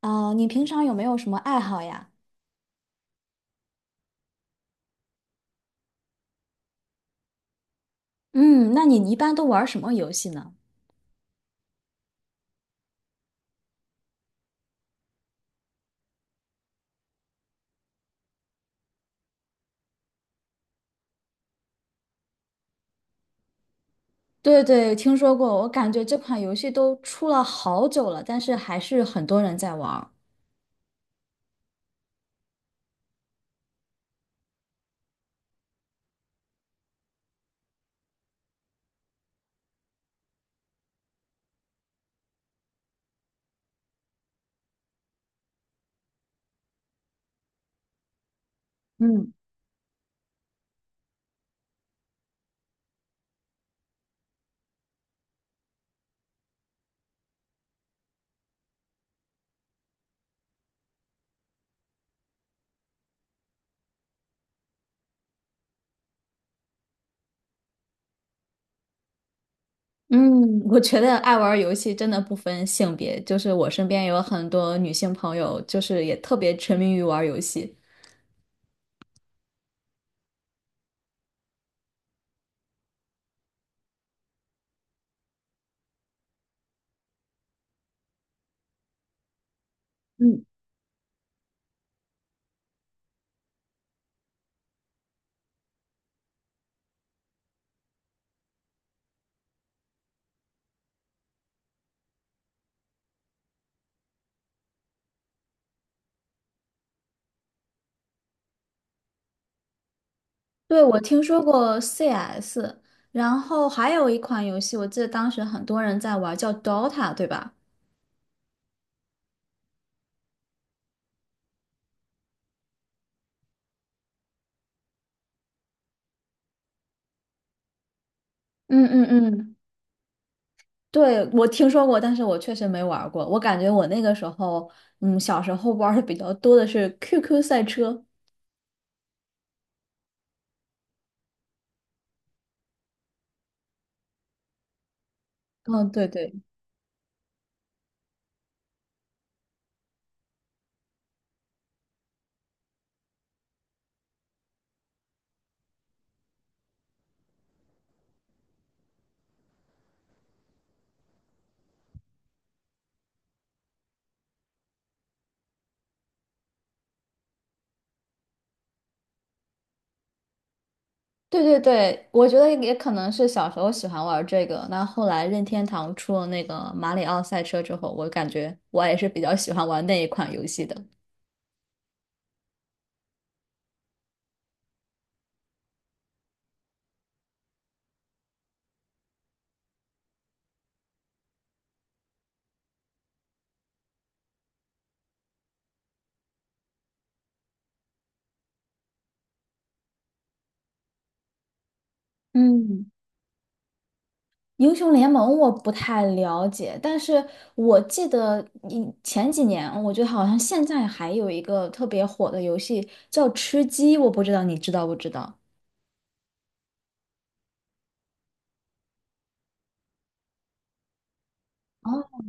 啊，你平常有没有什么爱好呀？嗯，那你一般都玩什么游戏呢？对对，听说过，我感觉这款游戏都出了好久了，但是还是很多人在玩儿。嗯嗯，我觉得爱玩儿游戏真的不分性别，就是我身边有很多女性朋友，就是也特别沉迷于玩儿游戏。嗯，对，我听说过 CS，然后还有一款游戏，我记得当时很多人在玩儿叫 Dota，对吧？嗯嗯嗯，对，我听说过，但是我确实没玩儿过。我感觉我那个时候，嗯，小时候玩儿的比较多的是 QQ 赛车。嗯，对对对对对，我觉得也可能是小时候喜欢玩儿这个。那后来任天堂出了那个马里奥赛车之后，我感觉我也是比较喜欢玩那一款游戏的。嗯，英雄联盟我不太了解，但是我记得你前几年，我觉得好像现在还有一个特别火的游戏叫吃鸡，我不知道你知道不知道。哦，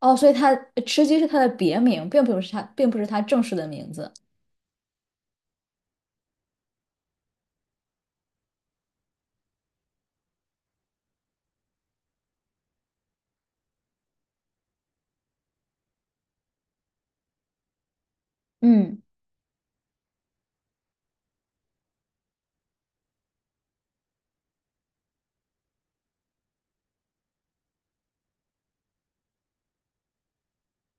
哦，所以它吃鸡是它的别名，并不是它，并不是它正式的名字。嗯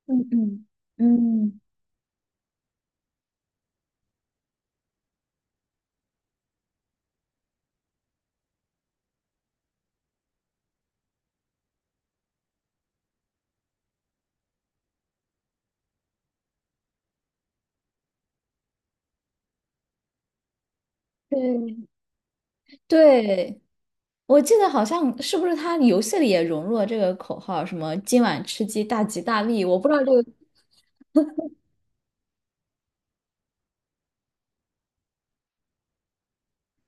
嗯嗯嗯，对，对，我记得好像是不是它游戏里也融入了这个口号，什么今晚吃鸡大吉大利，我不知道这个，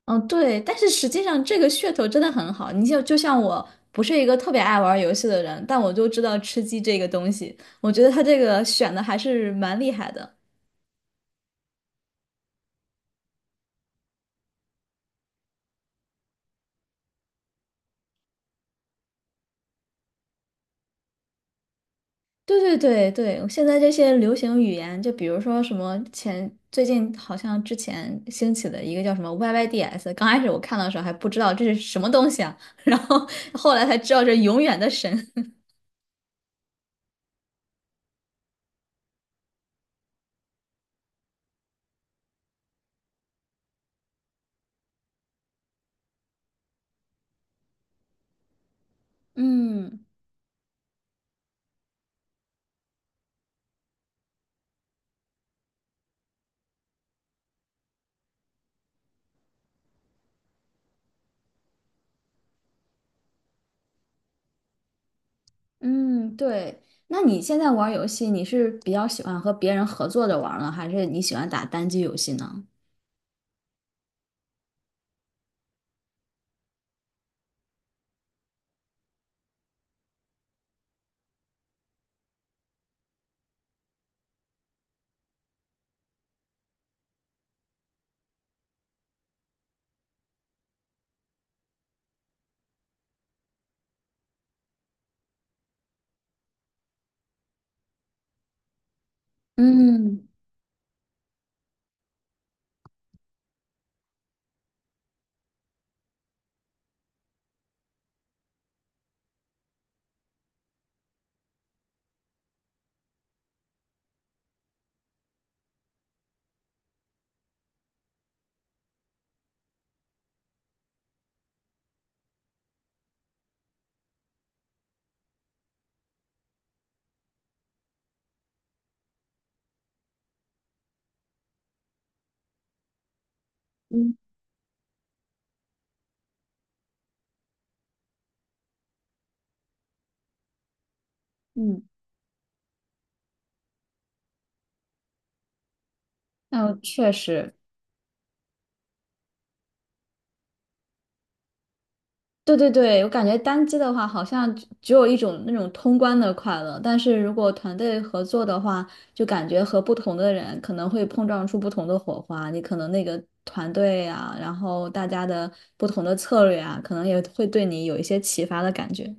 嗯，对，但是实际上这个噱头真的很好，你像就像我不是一个特别爱玩游戏的人，但我就知道吃鸡这个东西，我觉得它这个选的还是蛮厉害的。对对对对，现在这些流行语言，就比如说什么前最近好像之前兴起的一个叫什么 YYDS，刚开始我看到的时候还不知道这是什么东西啊，然后后来才知道这永远的神。嗯嗯，对。那你现在玩儿游戏，你是比较喜欢和别人合作着玩儿呢，还是你喜欢打单机游戏呢？嗯嗯嗯，那确实。对对对，我感觉单机的话，好像只有一种那种通关的快乐，但是如果团队合作的话，就感觉和不同的人可能会碰撞出不同的火花。你可能那个团队啊，然后大家的不同的策略啊，可能也会对你有一些启发的感觉。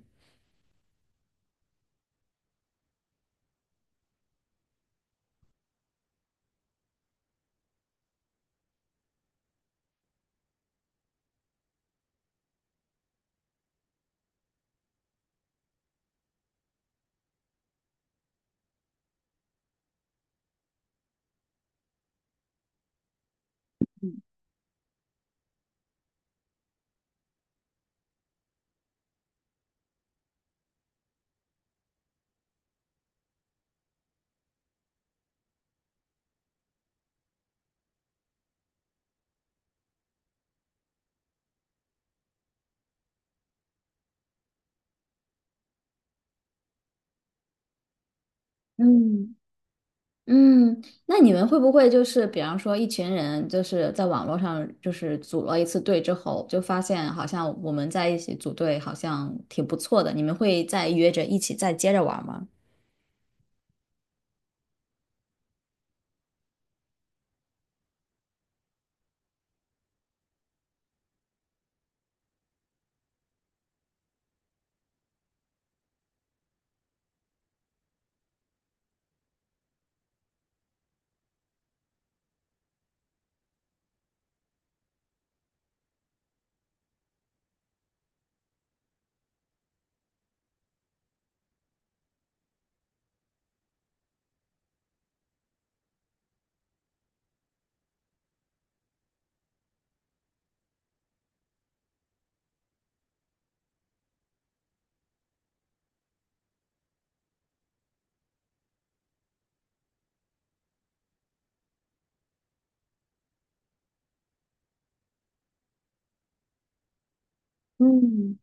嗯。嗯，那你们会不会就是，比方说一群人就是在网络上就是组了一次队之后，就发现好像我们在一起组队好像挺不错的，你们会再约着一起再接着玩吗？嗯，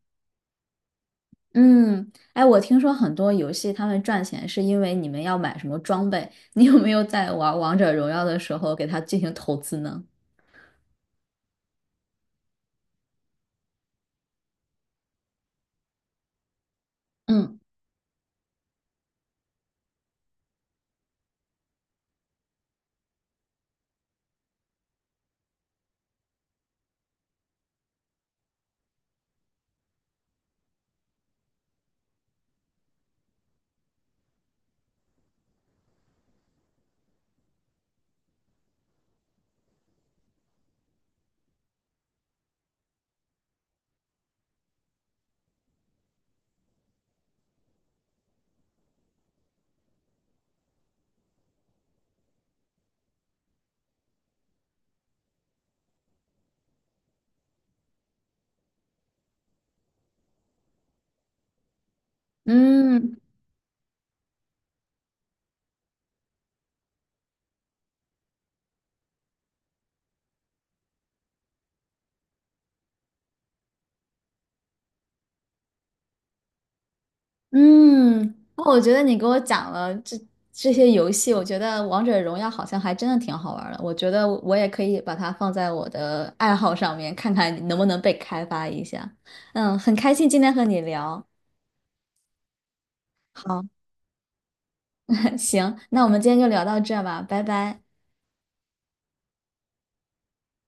嗯，哎，我听说很多游戏他们赚钱是因为你们要买什么装备，你有没有在玩王者荣耀的时候给它进行投资呢？嗯，嗯，嗯，我觉得你给我讲了这些游戏，我觉得王者荣耀好像还真的挺好玩儿的。我觉得我也可以把它放在我的爱好上面，看看能不能被开发一下。嗯，很开心今天和你聊。好，行，那我们今天就聊到这吧，拜拜。